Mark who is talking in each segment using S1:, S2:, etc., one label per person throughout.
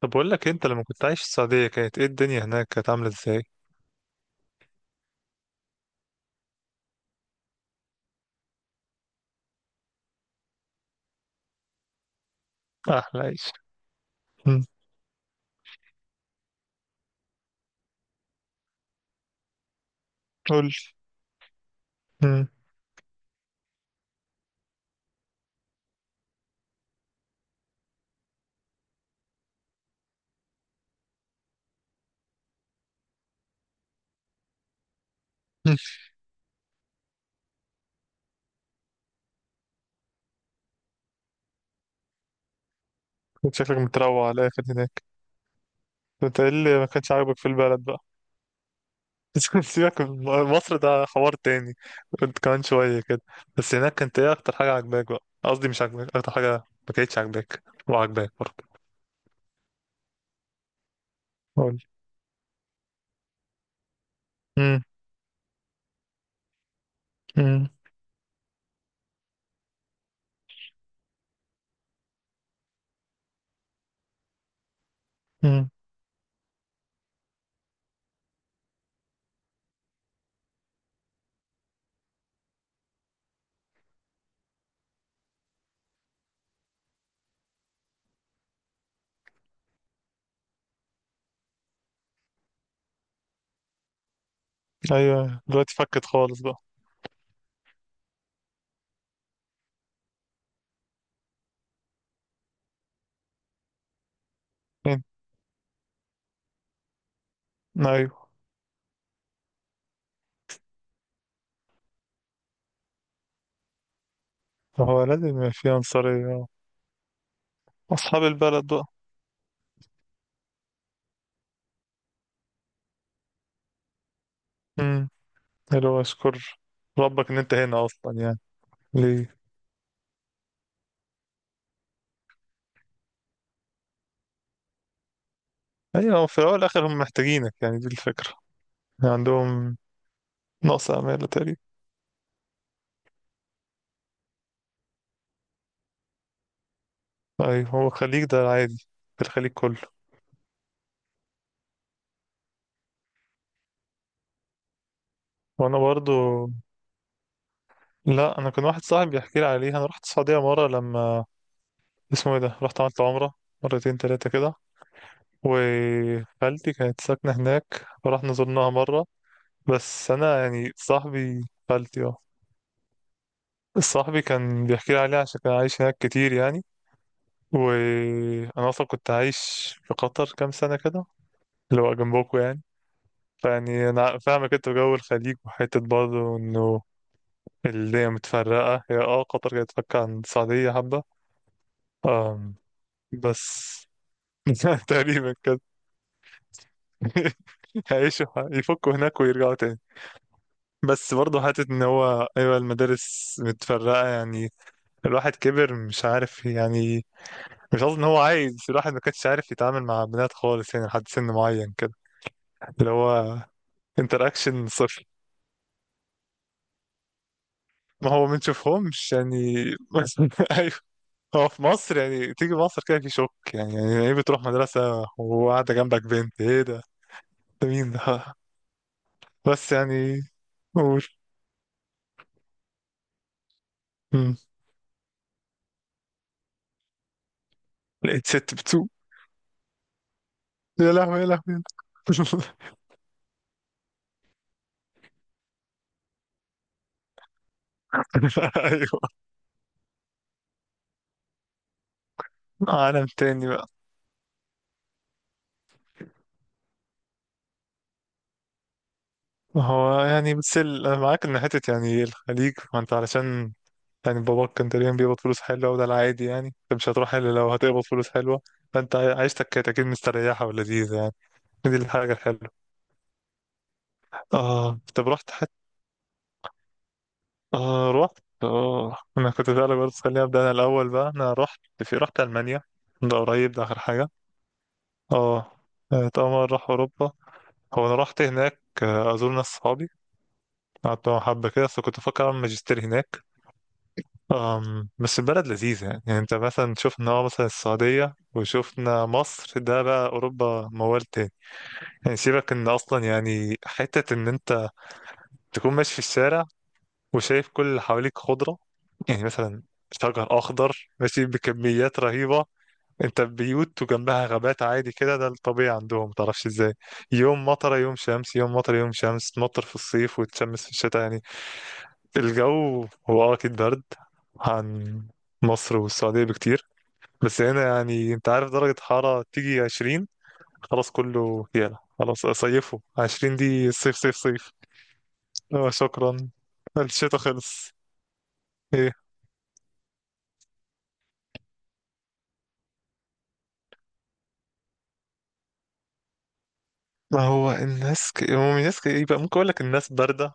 S1: طب بقول لك انت لما كنت عايش في السعودية كانت ايه الدنيا هناك كانت عاملة ازاي؟ احلى عيش. مم. قول لي. مم. مم. كنت شكلك متروع على الاخر هناك. كنت قايل لي ما كانش عاجبك في البلد بقى. بس سيبك من مصر، ده حوار تاني. كنت كمان شوية كده. بس هناك كانت ايه اكتر حاجة عاجباك بقى؟ قصدي مش عاجباك، اكتر حاجة ما كانتش عاجباك وعاجباك برضه. قول لي. مم. مم. مم. ايوه دلوقتي فكت خالص بقى. مم. ايوه، هو لازم يبقى في عنصرية، اصحاب البلد بقى. مم. حلو، اشكر ربك ان انت هنا اصلا يعني. ليه؟ ايوه في الاول والاخر هم محتاجينك، يعني دي الفكره، يعني عندهم نقص امال تقريبا. ايوه هو الخليج ده عادي، في الخليج كله. وانا برضو، لا انا كان واحد صاحبي بيحكي لي عليها، انا رحت السعوديه مره لما اسمه ايه ده، رحت عملت عمره مرتين ثلاثه كده. وخالتي كانت ساكنه هناك ورحنا زرناها مره. بس انا يعني صاحبي. خالتي اه. صاحبي كان بيحكي لي عليها عشان كان عايش هناك كتير يعني. وانا اصلا كنت عايش في قطر كام سنه كده، اللي هو جنبكم يعني. فيعني انا فاهمك انت جو الخليج، وحته برضه انه الدنيا متفرقه، هي اه قطر كانت تفك عن السعوديه حبه. أم بس تقريبا كده. هيعيشوا يفكوا هناك ويرجعوا تاني. بس برضه حتة إن هو أيوة المدارس متفرقة يعني. الواحد كبر مش عارف يعني. مش قصدي إن هو عايز، الواحد ما كانش عارف يتعامل مع بنات خالص يعني لحد سن معين كده، اللي هو انتراكشن صفر. ما هو ما نشوفهمش يعني. ايوه. هو في مصر يعني تيجي مصر كده في شوك، يعني يعني ايه بتروح مدرسة وقاعدة جنبك بنت، ايه ده؟ ده مين ده؟ بس يعني قول. مم. لقيت ست بتسوق، يا لهوي يا لهوي يا لهوي. ايوه، عالم تاني بقى. هو يعني بتسل انا معاك ان حتة يعني الخليج، ما انت علشان يعني باباك كان تقريبا بيقبض فلوس حلوة، وده العادي يعني، انت مش هتروح الا لو هتقبض فلوس حلوة. فانت عيشتك كانت اكيد مستريحة ولذيذة يعني. دي الحاجة الحلوة. اه طب رحت حتى اه رحت اه انا كنت فعلا برضه، خليني ابدا انا الاول بقى، انا رحت المانيا. ده قريب، ده اخر حاجة. اه اتأمر راح اوروبا. هو انا رحت هناك ازور ناس صحابي. قعدت معاهم حبة كده، بس كنت بفكر اعمل ماجستير هناك. بس البلد لذيذة يعني، يعني انت مثلا شفنا مثلا السعودية وشفنا مصر، ده بقى اوروبا موال تاني. يعني سيبك ان اصلا يعني حتة ان انت تكون ماشي في الشارع وشايف كل اللي حواليك خضرة، يعني مثلا شجر أخضر ماشي بكميات رهيبة. أنت بيوت وجنبها غابات عادي كده، ده الطبيعي عندهم متعرفش إزاي. يوم مطرة يوم شمس، يوم مطرة يوم شمس، تمطر في الصيف وتشمس في الشتاء يعني. الجو هو أكيد برد عن مصر والسعودية بكتير. بس هنا يعني أنت عارف درجة حرارة تيجي 20، خلاص كله يلا خلاص، صيفه 20، دي صيف صيف صيف. شكرا. الشتاء خلص. ما هو الناس ك... هم الناس ك... يبقى ممكن اقول لك الناس بارده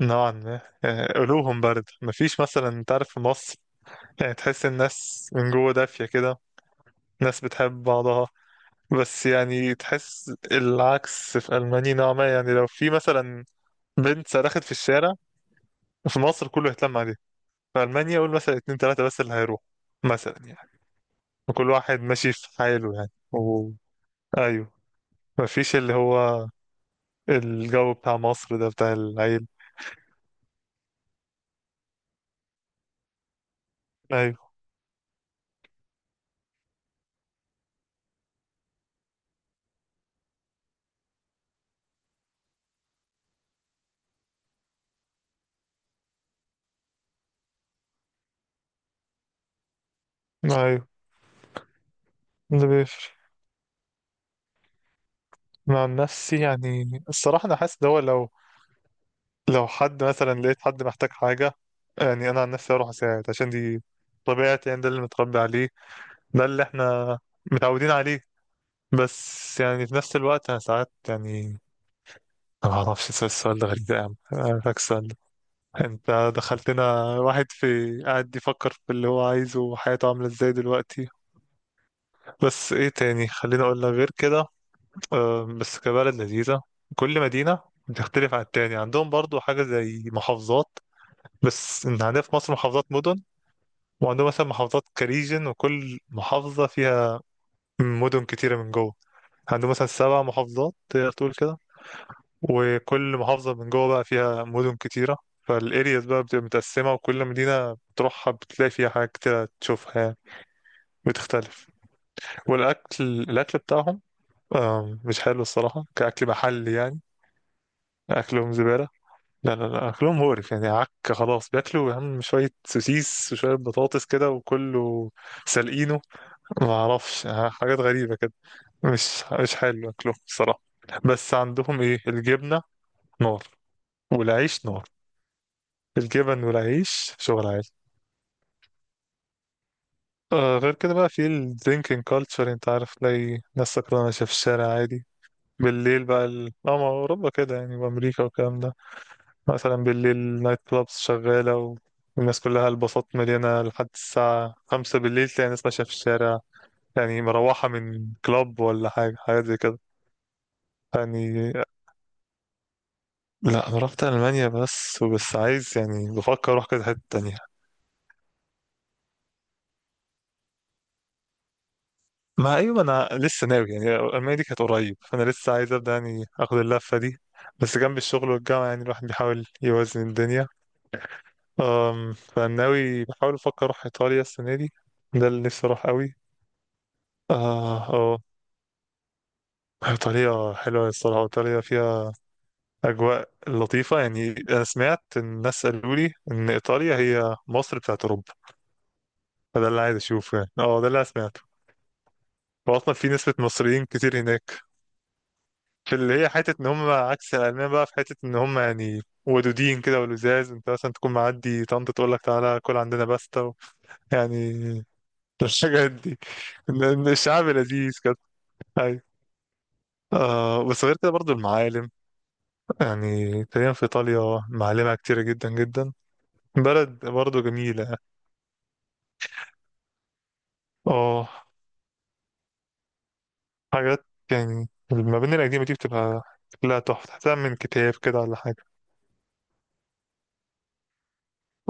S1: نوعا ما، يعني قلوبهم بارده. مفيش مثلا، انت عارف في مصر يعني تحس الناس من جوه دافيه كده، ناس بتحب بعضها. بس يعني تحس العكس في المانيا نوعا ما، يعني لو في مثلا بنت صرخت في الشارع، في مصر كله هيتلم عليها، في المانيا قول مثلا اتنين تلاته بس اللي هيروح، مثلا يعني. وكل واحد ماشي في حاله يعني و... ايوه، مفيش اللي هو الجو بتاع مصر ده، بتاع العيل. ايوه. ايوه ده بيفرق. أنا عن نفسي يعني، الصراحة أنا حاسس ده هو، لو لو حد مثلا، لقيت حد محتاج حاجة، يعني أنا عن نفسي أروح أساعد، عشان دي طبيعتي يعني، ده اللي متربي عليه، ده اللي إحنا متعودين عليه. بس يعني في نفس الوقت أنا ساعات يعني، أنا معرفش، السؤال ده غريب، ده يا عم أنا عارفك السؤال ده. أنت دخلتنا واحد في قاعد يفكر في اللي هو عايزه وحياته عاملة إزاي دلوقتي. بس إيه تاني، خليني أقول لك غير كده. بس كبلد لذيذة، كل مدينة بتختلف عن التاني. عندهم برضو حاجة زي محافظات، بس إن عندنا في مصر محافظات مدن، وعندهم مثلا محافظات كريجن، وكل محافظة فيها مدن كتيرة من جوه. عندهم مثلا 7 محافظات تقدر تقول كده، وكل محافظة من جوه بقى فيها مدن كتيرة. فالارياز بقى بتبقى متقسمة، وكل مدينة بتروحها بتلاقي فيها حاجات كتيرة تشوفها يعني، بتختلف. والأكل، الأكل بتاعهم مش حلو الصراحة كأكل محلي يعني. أكلهم زبالة، لا لا لا أكلهم مقرف يعني، عك خلاص، بياكلوا يا عم شوية سوسيس وشوية بطاطس كده وكله سالقينه، ما أعرفش، حاجات غريبة كده. مش حلو أكلهم الصراحة. بس عندهم إيه، الجبنة نار، والعيش نار، الجبن والعيش شغل عالي. آه، غير كده بقى في الدرينكينج كالتشر، أنت عارف، تلاقي ناس سكرانة ماشية في الشارع عادي. بالليل بقى ال... اه ما هو أوروبا كده يعني، وأمريكا والكلام ده. مثلا بالليل نايت كلابس شغالة، والناس كلها، الباصات مليانة لحد الساعة 5 بالليل، تلاقي ناس ماشية في الشارع، يعني مروحة من كلاب ولا حاجة، حاجات زي كده يعني. لا أنا رحت ألمانيا بس، وبس عايز يعني بفكر أروح كذا حتة تانية. ما أيوة أنا لسه ناوي يعني، ألمانيا دي كانت قريب، فأنا لسه عايز أبدأ يعني آخد اللفة دي. بس جنب الشغل والجامعة يعني، الواحد بيحاول يوازن الدنيا. فناوي بحاول أفكر أروح إيطاليا السنة دي، ده اللي نفسي أروح قوي. آه آه. طريقة حلوة الصراحة، وطريقة فيها أجواء لطيفة يعني، أنا سمعت، إن الناس قالوا لي إن إيطاليا هي مصر بتاعت أوروبا، فده اللي عايز أشوفه يعني، أه ده اللي أنا سمعته. وأصلا في نسبة مصريين كتير هناك، في اللي هي حتة إن هم عكس الألمان بقى، في حتة إن هم يعني ودودين كده ولزاز، أنت مثلا تكون معدي طنط تقول لك تعالى كل عندنا باستا و... يعني الحاجات دي، إن الشعب لذيذ كده. أيوة. آه بس غير كده برضو المعالم، يعني تقريبا في إيطاليا معالمها كتيرة جدا جدا. بلد برضه جميلة. اه حاجات يعني المباني القديمة دي بتبقى شكلها تحفة، تحتها من كتاب كده ولا حاجة.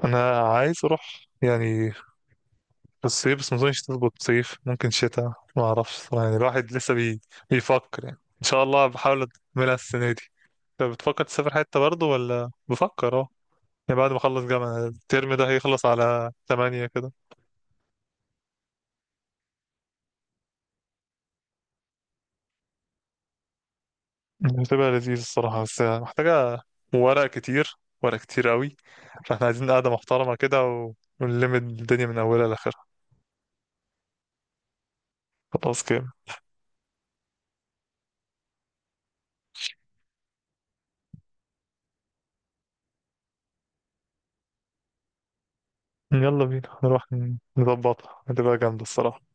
S1: أنا عايز أروح يعني في الصيف، بس مظنش تظبط صيف، ممكن شتاء ما أعرفش صراحة، يعني الواحد لسه بي... بيفكر يعني. إن شاء الله بحاول أكملها السنة دي. أنت بتفكر تسافر حتة برضه ولا بفكر اه؟ يعني بعد ما أخلص جامعة، الترم ده هيخلص على تمانية كده. هتبقى لذيذ الصراحة، بس محتاجة ورق كتير، ورق كتير قوي. فاحنا عايزين قعدة محترمة كده و- ونلم الدنيا من أولها لآخرها. خلاص كده، يلا بينا نروح نظبطها، هتبقى جامدة الصراحة.